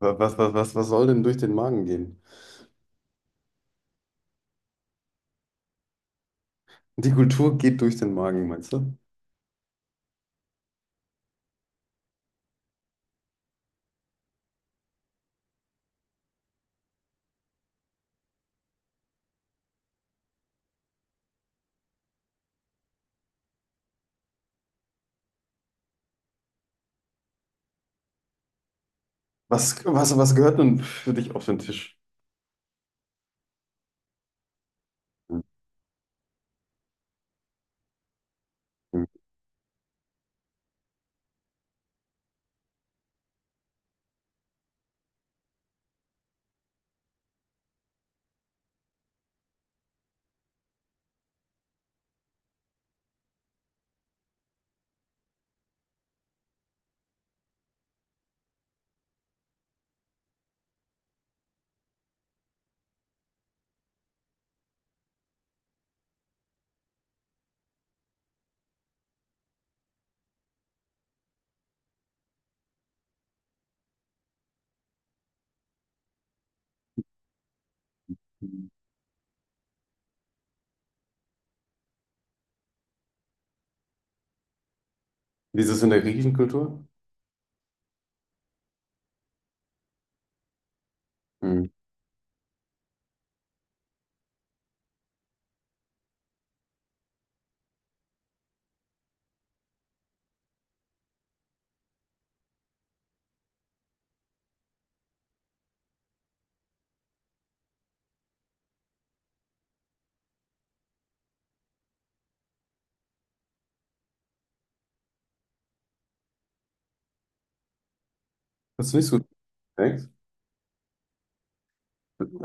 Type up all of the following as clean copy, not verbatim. Was soll denn durch den Magen gehen? Die Kultur geht durch den Magen, meinst du? Was gehört denn für dich auf den Tisch? Mhm. Wie ist es in der griechischen Kultur? Mhm. Das ist nicht so direkt.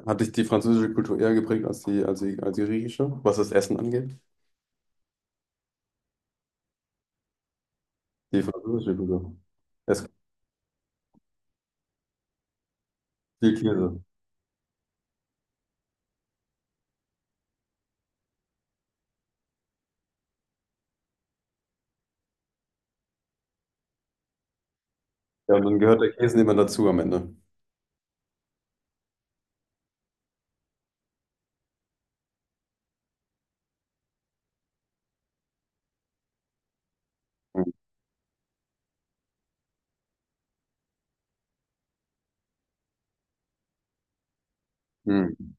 Hat dich die französische Kultur eher geprägt als die griechische, was das Essen angeht? Die französische Kultur. Es gibt viel Käse. Ja, und dann gehört der Käse immer dazu am Ende. Mhm. Mhm.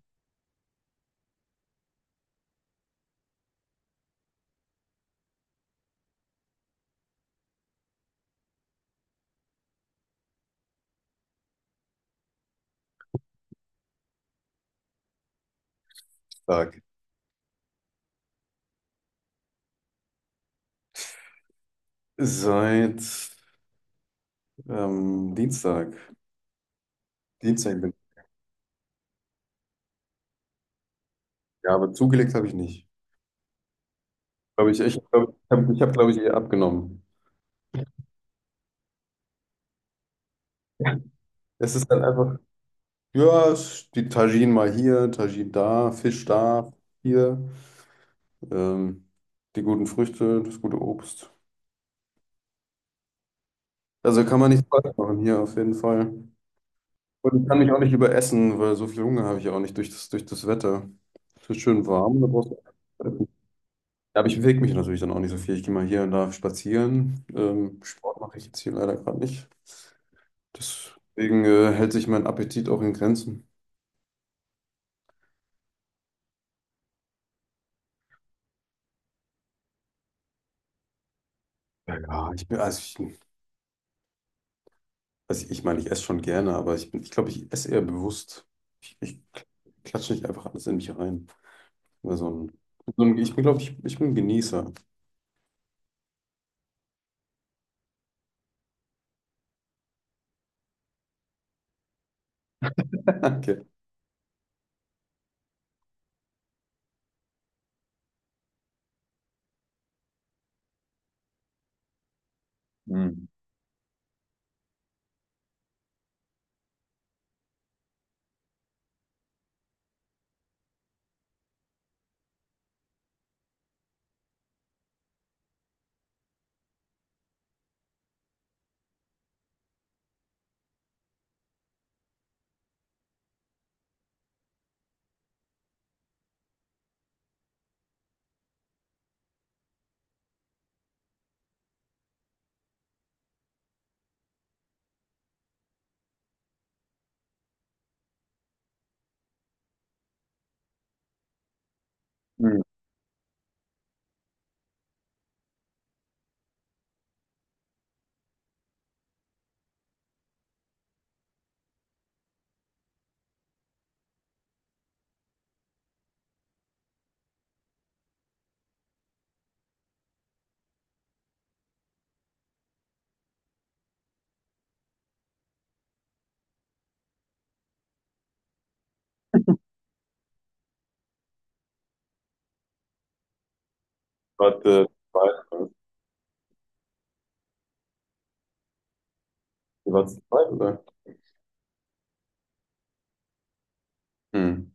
Stark. Seit Dienstag. Dienstag bin ich. Ja, aber zugelegt habe ich nicht. Glaube ich, ich glaube, ich habe, ich hab, glaube ich, eher abgenommen. Es ist dann einfach, ja, es- die Tagine mal hier, Tagine da, Fisch da, hier, ähm, die guten Früchte, das gute Obst. Also kann man nichts falsch machen hier auf jeden Fall. Und ich kann mich auch nicht überessen, weil so viel Hunger habe ich auch nicht durch das Wetter. Es wird schön warm, da brauchst du. Ja, aber ich bewege mich natürlich dann auch nicht so viel. Ich gehe mal hier und da spazieren. Sport mache ich jetzt hier leider gerade nicht. Deswegen hält sich mein Appetit auch in Grenzen. Ja, ja, ich bin, also ich meine, ich esse schon gerne, aber ich glaube, ich esse eher bewusst. Ich klatsche nicht einfach alles in mich rein. Immer so ein, glaube ich, ich bin ein Genießer. Okay. Hm. Hm. Warte, warte, warte, oder? Hm,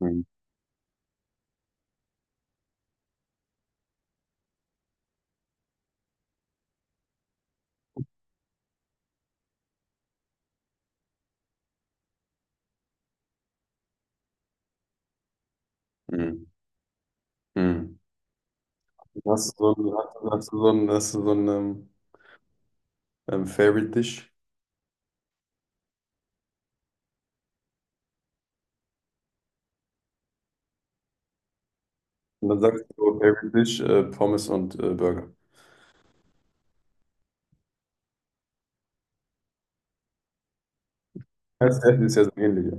hm, hm, hm. Hast du so ein, hast du so ein, hast du so ein Favorite Dish? Und dann sagst du so, Favorite Dish, Pommes und Burger. Das Essen ist ja so ähnlich, ja.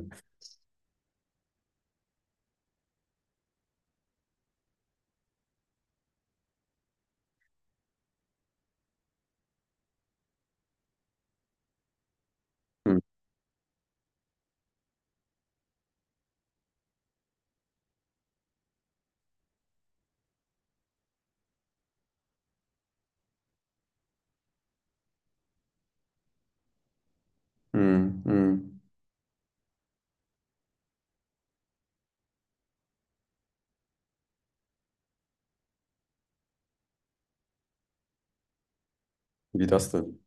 Hm, hm, hm. Wie das denn?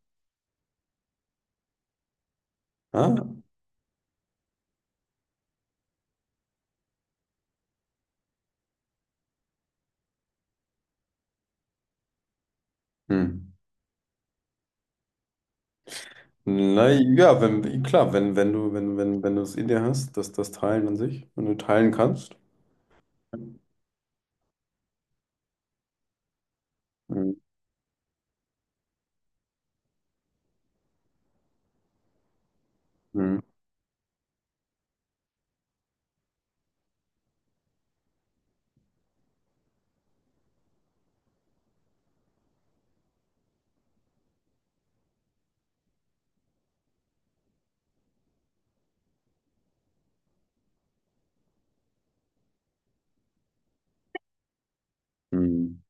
Ah. Hm. Na ja, wenn, klar, wenn du es in dir hast, dass das Teilen an sich, wenn du teilen kannst. Hm, hm, hm,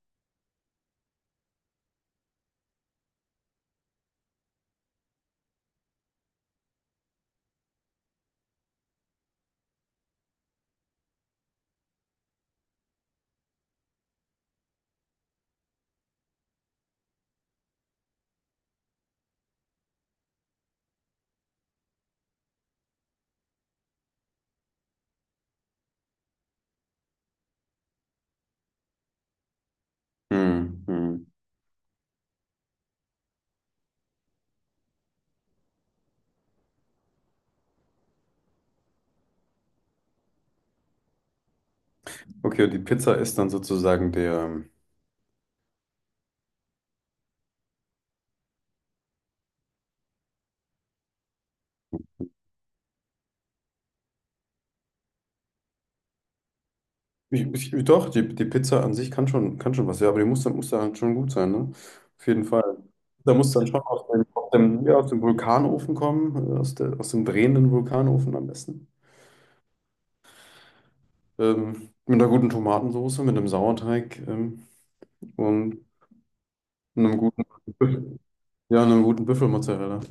hm, hm. Okay, und die Pizza ist dann sozusagen der. Ich, doch, die, die Pizza an sich kann schon was, ja, aber die muss dann halt schon gut sein, ne? Auf jeden Fall. Da muss dann schon aus dem Vulkanofen kommen, aus der, aus dem drehenden Vulkanofen am besten. Mit einer guten Tomatensauce, mit einem Sauerteig, und einem guten. Ja, einen guten Büffelmozzarella.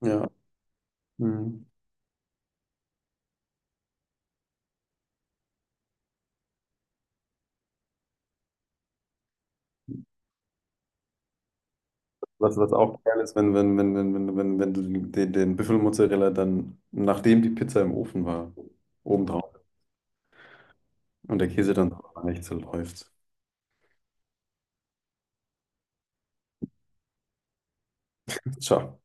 Ja. Mhm. Was, was auch geil ist, wenn du den Büffelmozzarella dann, nachdem die Pizza im Ofen war, obendrauf und der Käse dann nicht so läuft. Ciao.